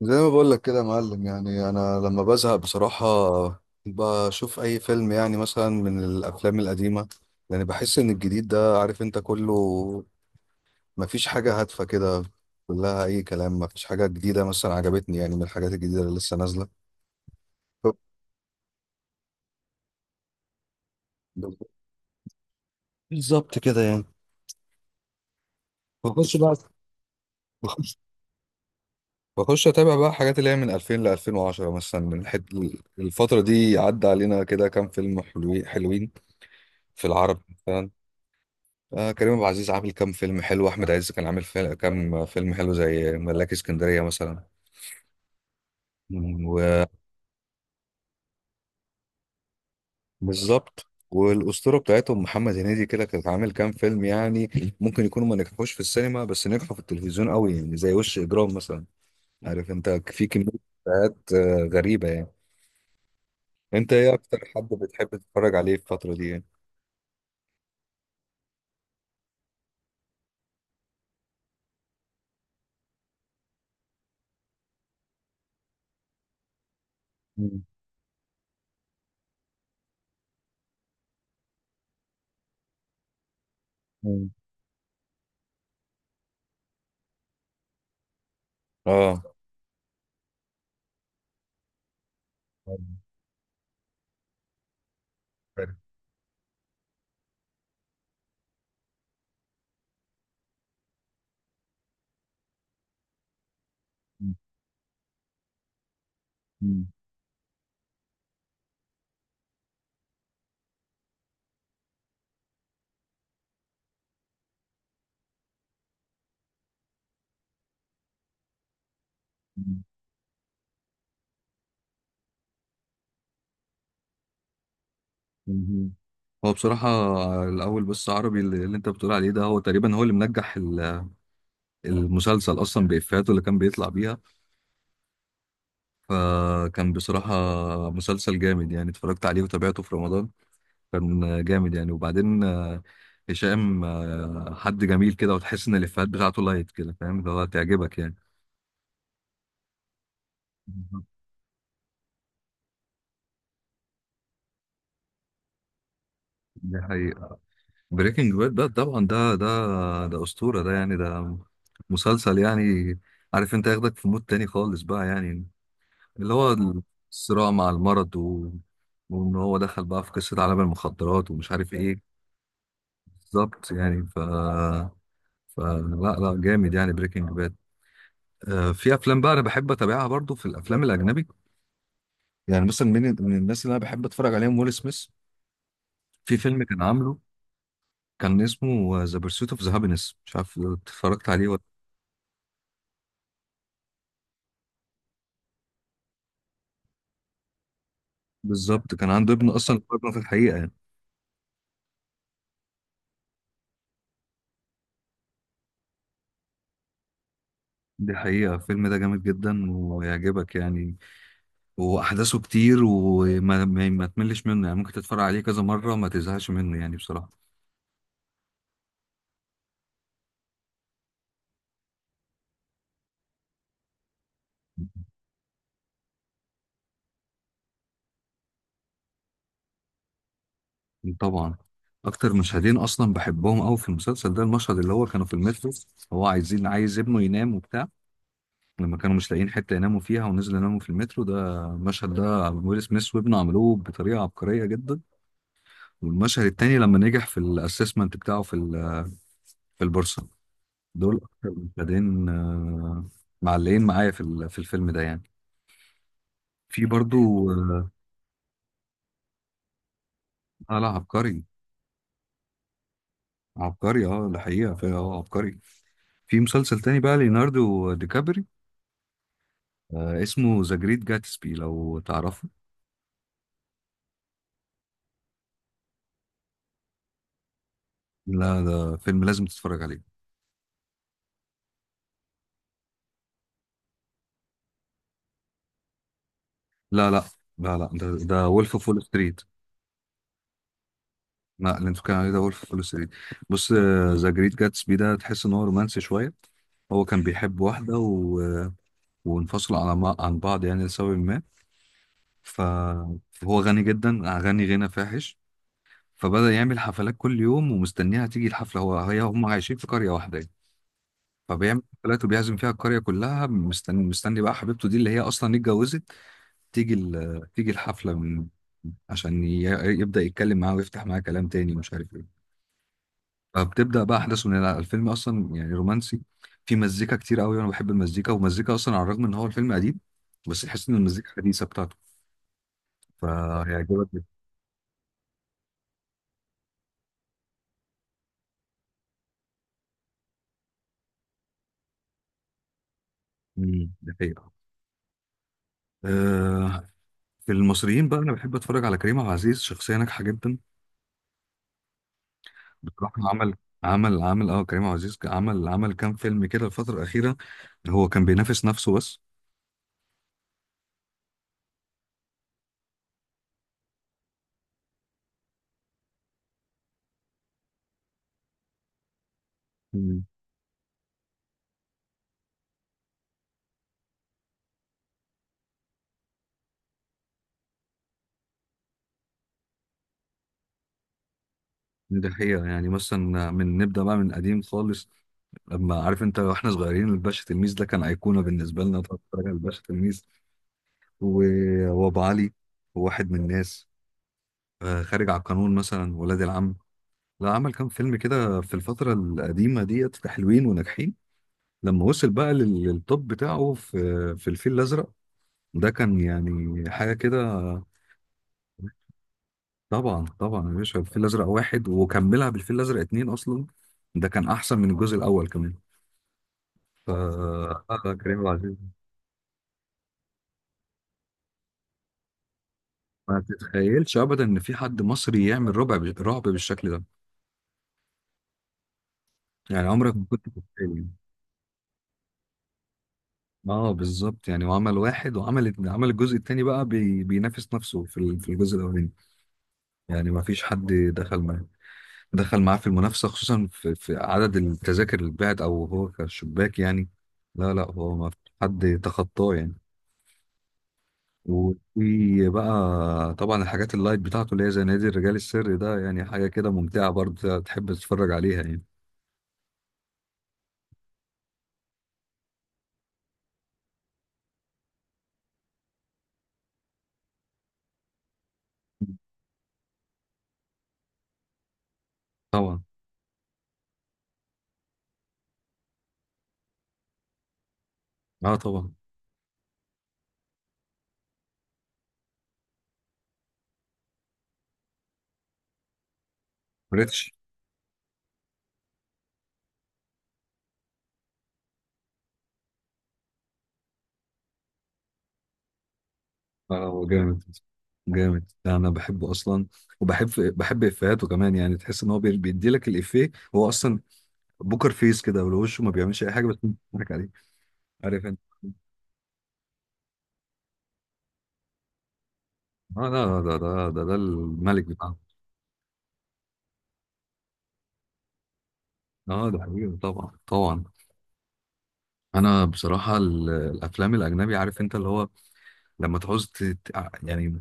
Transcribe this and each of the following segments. زي ما بقول لك كده يا معلم، يعني انا لما بزهق بصراحة بشوف اي فيلم، يعني مثلا من الافلام القديمة. يعني بحس ان الجديد ده، عارف انت، كله مفيش حاجة هادفة كده، كلها اي كلام. مفيش حاجة جديدة مثلا عجبتني يعني من الحاجات الجديدة اللي لسه نازلة. بالظبط كده يعني. بخش بقى بخش بخش اتابع بقى حاجات اللي هي من 2000 ل 2010 مثلا الفترة دي عدى علينا كده كام فيلم حلوين حلوين في العرب. آه، كريم عبد العزيز عامل كام فيلم حلو. احمد عز كان عامل فيلم كام فيلم حلو زي ملاك اسكندريه مثلا. مم. وبالظبط. والاسطوره بتاعتهم محمد هنيدي كده، كانت عامل كام فيلم يعني. ممكن يكونوا ما نجحوش في السينما بس نجحوا في التلفزيون قوي يعني، زي وش اجرام مثلا. عارف انت في كميه حاجات غريبه يعني. انت ايه اكتر حد بتحب تتفرج عليه في الفتره دي يعني؟ مم. مم. اه. مم. مم. مم. مهم. هو بصراحة الأول، بس عربي اللي أنت بتقول عليه ده هو تقريبا هو اللي منجح المسلسل أصلا بإفيهاته اللي كان بيطلع بيها. فكان بصراحة مسلسل جامد يعني. اتفرجت عليه وتابعته في رمضان. كان جامد يعني. وبعدين هشام حد جميل كده، وتحس إن الإفيهات بتاعته لايت كده، فاهم اللي هو، تعجبك يعني. بالظبط. دي حقيقة. بريكنج باد ده طبعا ده أسطورة. ده يعني ده مسلسل يعني، عارف انت، ياخدك في مود تاني خالص بقى، يعني اللي هو الصراع مع المرض وان هو دخل بقى في قصة عالم المخدرات ومش عارف ايه. بالظبط يعني. فلا لا جامد يعني بريكنج باد. في افلام بقى انا بحب اتابعها برضو في الافلام الاجنبي. يعني مثلا من الناس اللي انا بحب اتفرج عليهم ويل سميث. في فيلم كان عامله، كان اسمه ذا بيرسوت اوف ذا هابينس، مش عارف اتفرجت عليه ولا. بالظبط، كان عنده ابن، اصلا ابنه في الحقيقة يعني. دي حقيقة. الفيلم ده جامد جدا ويعجبك يعني، واحداثه كتير وما ما, ما تملش منه يعني، ممكن تتفرج عليه كذا مره ما تزهقش منه يعني بصراحه. طبعا. اكتر مشهدين اصلا بحبهم قوي في المسلسل ده، المشهد اللي هو كانوا في المترو. هو عايز ابنه ينام وبتاع. لما كانوا مش لاقيين حته يناموا فيها، ونزلوا يناموا في المترو، ده المشهد، ده ويل سميث وابنه عملوه بطريقه عبقريه جدا. والمشهد التاني لما نجح في الاسسمنت بتاعه في البورصه. دول اكتر مشهدين معلقين معايا في الفيلم ده يعني. في برضو اه لا عبقري. عبقري. اه ده حقيقة. في عبقري في مسلسل تاني بقى، ليوناردو دي كابري. اسمه ذا جريت جاتسبي، لو تعرفه. لا، ده فيلم لازم تتفرج عليه. لا لا لا لا، ده وولف اوف وول ستريت. لا، اللي انت بتتكلم عليه ده وولف اوف وول ستريت. بص، ذا جريت جاتسبي ده تحس ان هو رومانسي شوية. هو كان بيحب واحدة وانفصلوا على ما... عن بعض يعني لسبب ما. ف... فهو غني جدا، غني غنى فاحش. فبدأ يعمل حفلات كل يوم ومستنيها تيجي الحفلة. هو هي هم عايشين في قرية واحدة يعني. فبيعمل حفلات وبيعزم فيها القرية كلها، مستني مستني بقى حبيبته دي اللي هي أصلا اتجوزت تيجي الحفلة عشان يبدأ يتكلم معاها ويفتح معاها كلام تاني ومش عارف ايه. فبتبدأ بقى أحداثه من هنا. الفيلم أصلا يعني رومانسي، في مزيكا كتير قوي، وأنا بحب المزيكا. والمزيكا أصلا، على الرغم إن هو الفيلم قديم، بس تحس إن المزيكا حديثة بتاعته. فهيعجبك جدا. مم، ده حقيقة. آه، في المصريين بقى، انا بحب اتفرج على كريم عبد العزيز، شخصيه ناجحه جدا. بصراحه عمل عمل عمل اه كريم عبد العزيز عمل كام فيلم كده الفتره الاخيره. هو كان بينافس نفسه بس. مم. ده حقيقه يعني، مثلا نبدا بقى من قديم خالص. لما عارف انت واحنا صغيرين، الباشا تلميذ ده كان ايقونه بالنسبه لنا، تقعد تتفرج على الباشا تلميذ وابو علي، وواحد من الناس، خارج على القانون، مثلا ولاد العم. لا، عمل كام فيلم كده في الفتره القديمه ديت حلوين وناجحين. لما وصل بقى للتوب بتاعه في الفيل الازرق، ده كان يعني حاجه كده. طبعا طبعا يا باشا، الفيل الازرق واحد، وكملها بالفيل الازرق اتنين اصلا. ده كان احسن من الجزء الاول كمان. ف آه، كريم عبد العزيز، ما تتخيلش ابدا ان في حد مصري يعمل ربع رعب بالشكل ده، يعني عمرك ما كنت تتخيل. اه بالظبط يعني. وعمل واحد، وعمل الجزء التاني بقى، بينافس نفسه في الجزء الاولاني. يعني ما فيش حد دخل معاه دخل معاه في المنافسة، خصوصا في عدد التذاكر اللي اتباعت، أو هو كشباك يعني. لا لا، هو ما في حد تخطاه يعني. وفي بقى طبعا الحاجات اللايت بتاعته اللي هي زي نادي الرجال السري ده، يعني حاجة كده ممتعة برضه تحب تتفرج عليها يعني. طبعا. اه طبعا. ريتش. اه، هو جامد. جامد، ده انا بحبه اصلا. وبحب افيهاته كمان يعني، تحس ان هو بيدي لك الافيه. هو اصلا بوكر فيس كده، ولو وشه ما بيعملش اي حاجه بس بتضحك عليه، عارف. اه لا، ده الملك بتاعنا. اه، ده حقيقي. طبعا طبعا. انا بصراحه الافلام الاجنبي، عارف انت اللي هو لما تعوز يعني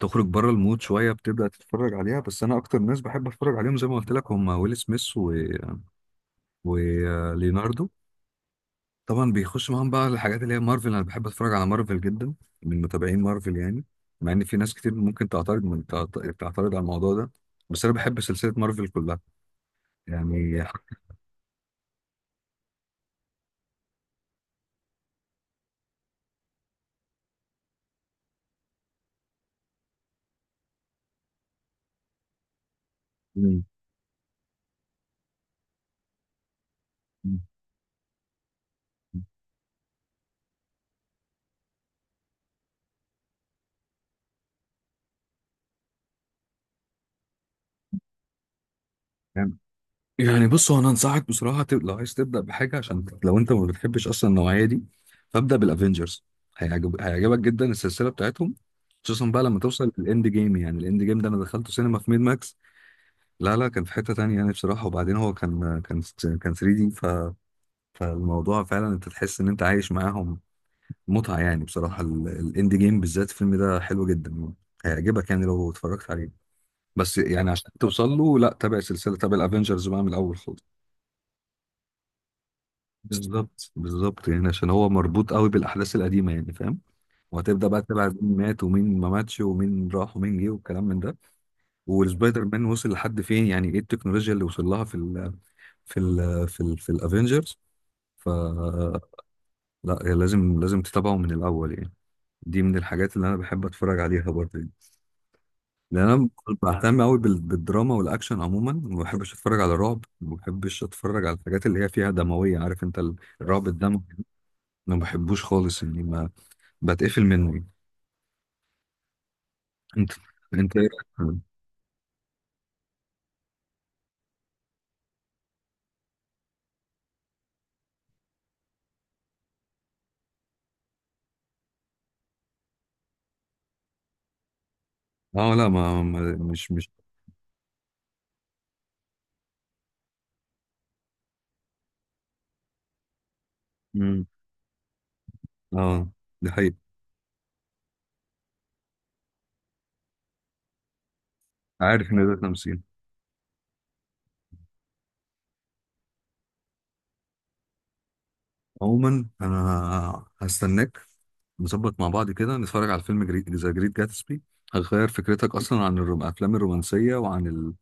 تخرج بره المود شويه، بتبدا تتفرج عليها. بس انا اكتر ناس بحب اتفرج عليهم زي ما قلت لك هم ويل سميث وليوناردو. طبعا بيخش معاهم بقى الحاجات اللي هي مارفل. انا بحب اتفرج على مارفل جدا، من متابعين مارفل يعني. مع ان في ناس كتير ممكن تعترض من تعترض على الموضوع ده. بس انا بحب سلسله مارفل كلها. يعني يعني بص، هو انا انصحك بصراحه، لو عايز تبدا بحاجه، عشان لو انت ما بتحبش اصلا النوعيه دي، فابدا بالافنجرز. هيعجبك جدا السلسله بتاعتهم، خصوصا بقى لما توصل للاند جيم. يعني الاند جيم ده انا دخلته سينما في ميد ماكس. لا لا، كان في حته تانية يعني بصراحه. وبعدين هو كان 3 دي، فالموضوع فعلا انت تحس ان انت عايش معاهم، متعه يعني بصراحه. الاند جيم بالذات الفيلم ده حلو جدا يعني. هيعجبك يعني لو اتفرجت عليه. بس يعني عشان توصل له، لا تابع سلسله، تابع الافنجرز بقى من الاول خالص. بالظبط بالظبط يعني، عشان هو مربوط قوي بالاحداث القديمه يعني، فاهم. وهتبدا بقى تتابع مين مات ومين ما ماتش ومين راح ومين جه والكلام من ده، والسبايدر مان وصل لحد فين، يعني ايه التكنولوجيا اللي وصل لها في الافينجرز. ف لا يعني، لازم لازم تتابعه من الاول يعني. دي من الحاجات اللي انا بحب اتفرج عليها برضه يعني. لان انا بهتم قوي بالدراما والاكشن عموما. ما بحبش اتفرج على رعب، ما بحبش اتفرج على الحاجات اللي هي فيها دمويه، عارف انت الرعب الدموي، انا ما بحبوش خالص يعني. بتقفل منه. انت انت ايه رأيك؟ اه لا، مش. مم. اه، دي حقيقة. عارف ان ده تمثيل. عموما انا هستناك، نظبط مع بعض كده، نتفرج على فيلم ذا جريت جاتسبي. هتغير فكرتك اصلا عن الافلام الرومانسيه،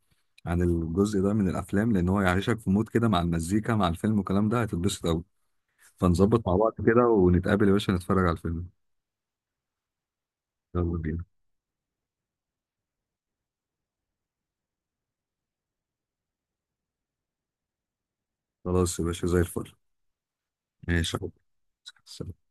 عن الجزء ده من الافلام. لان هو يعيشك في مود كده، مع المزيكا مع الفيلم والكلام ده، هتتبسط قوي. فنظبط مع بعض كده، ونتقابل يا باشا نتفرج على الفيلم. يلا بينا. خلاص يا باشا زي الفل. ماشي يا حبيبي. سلام.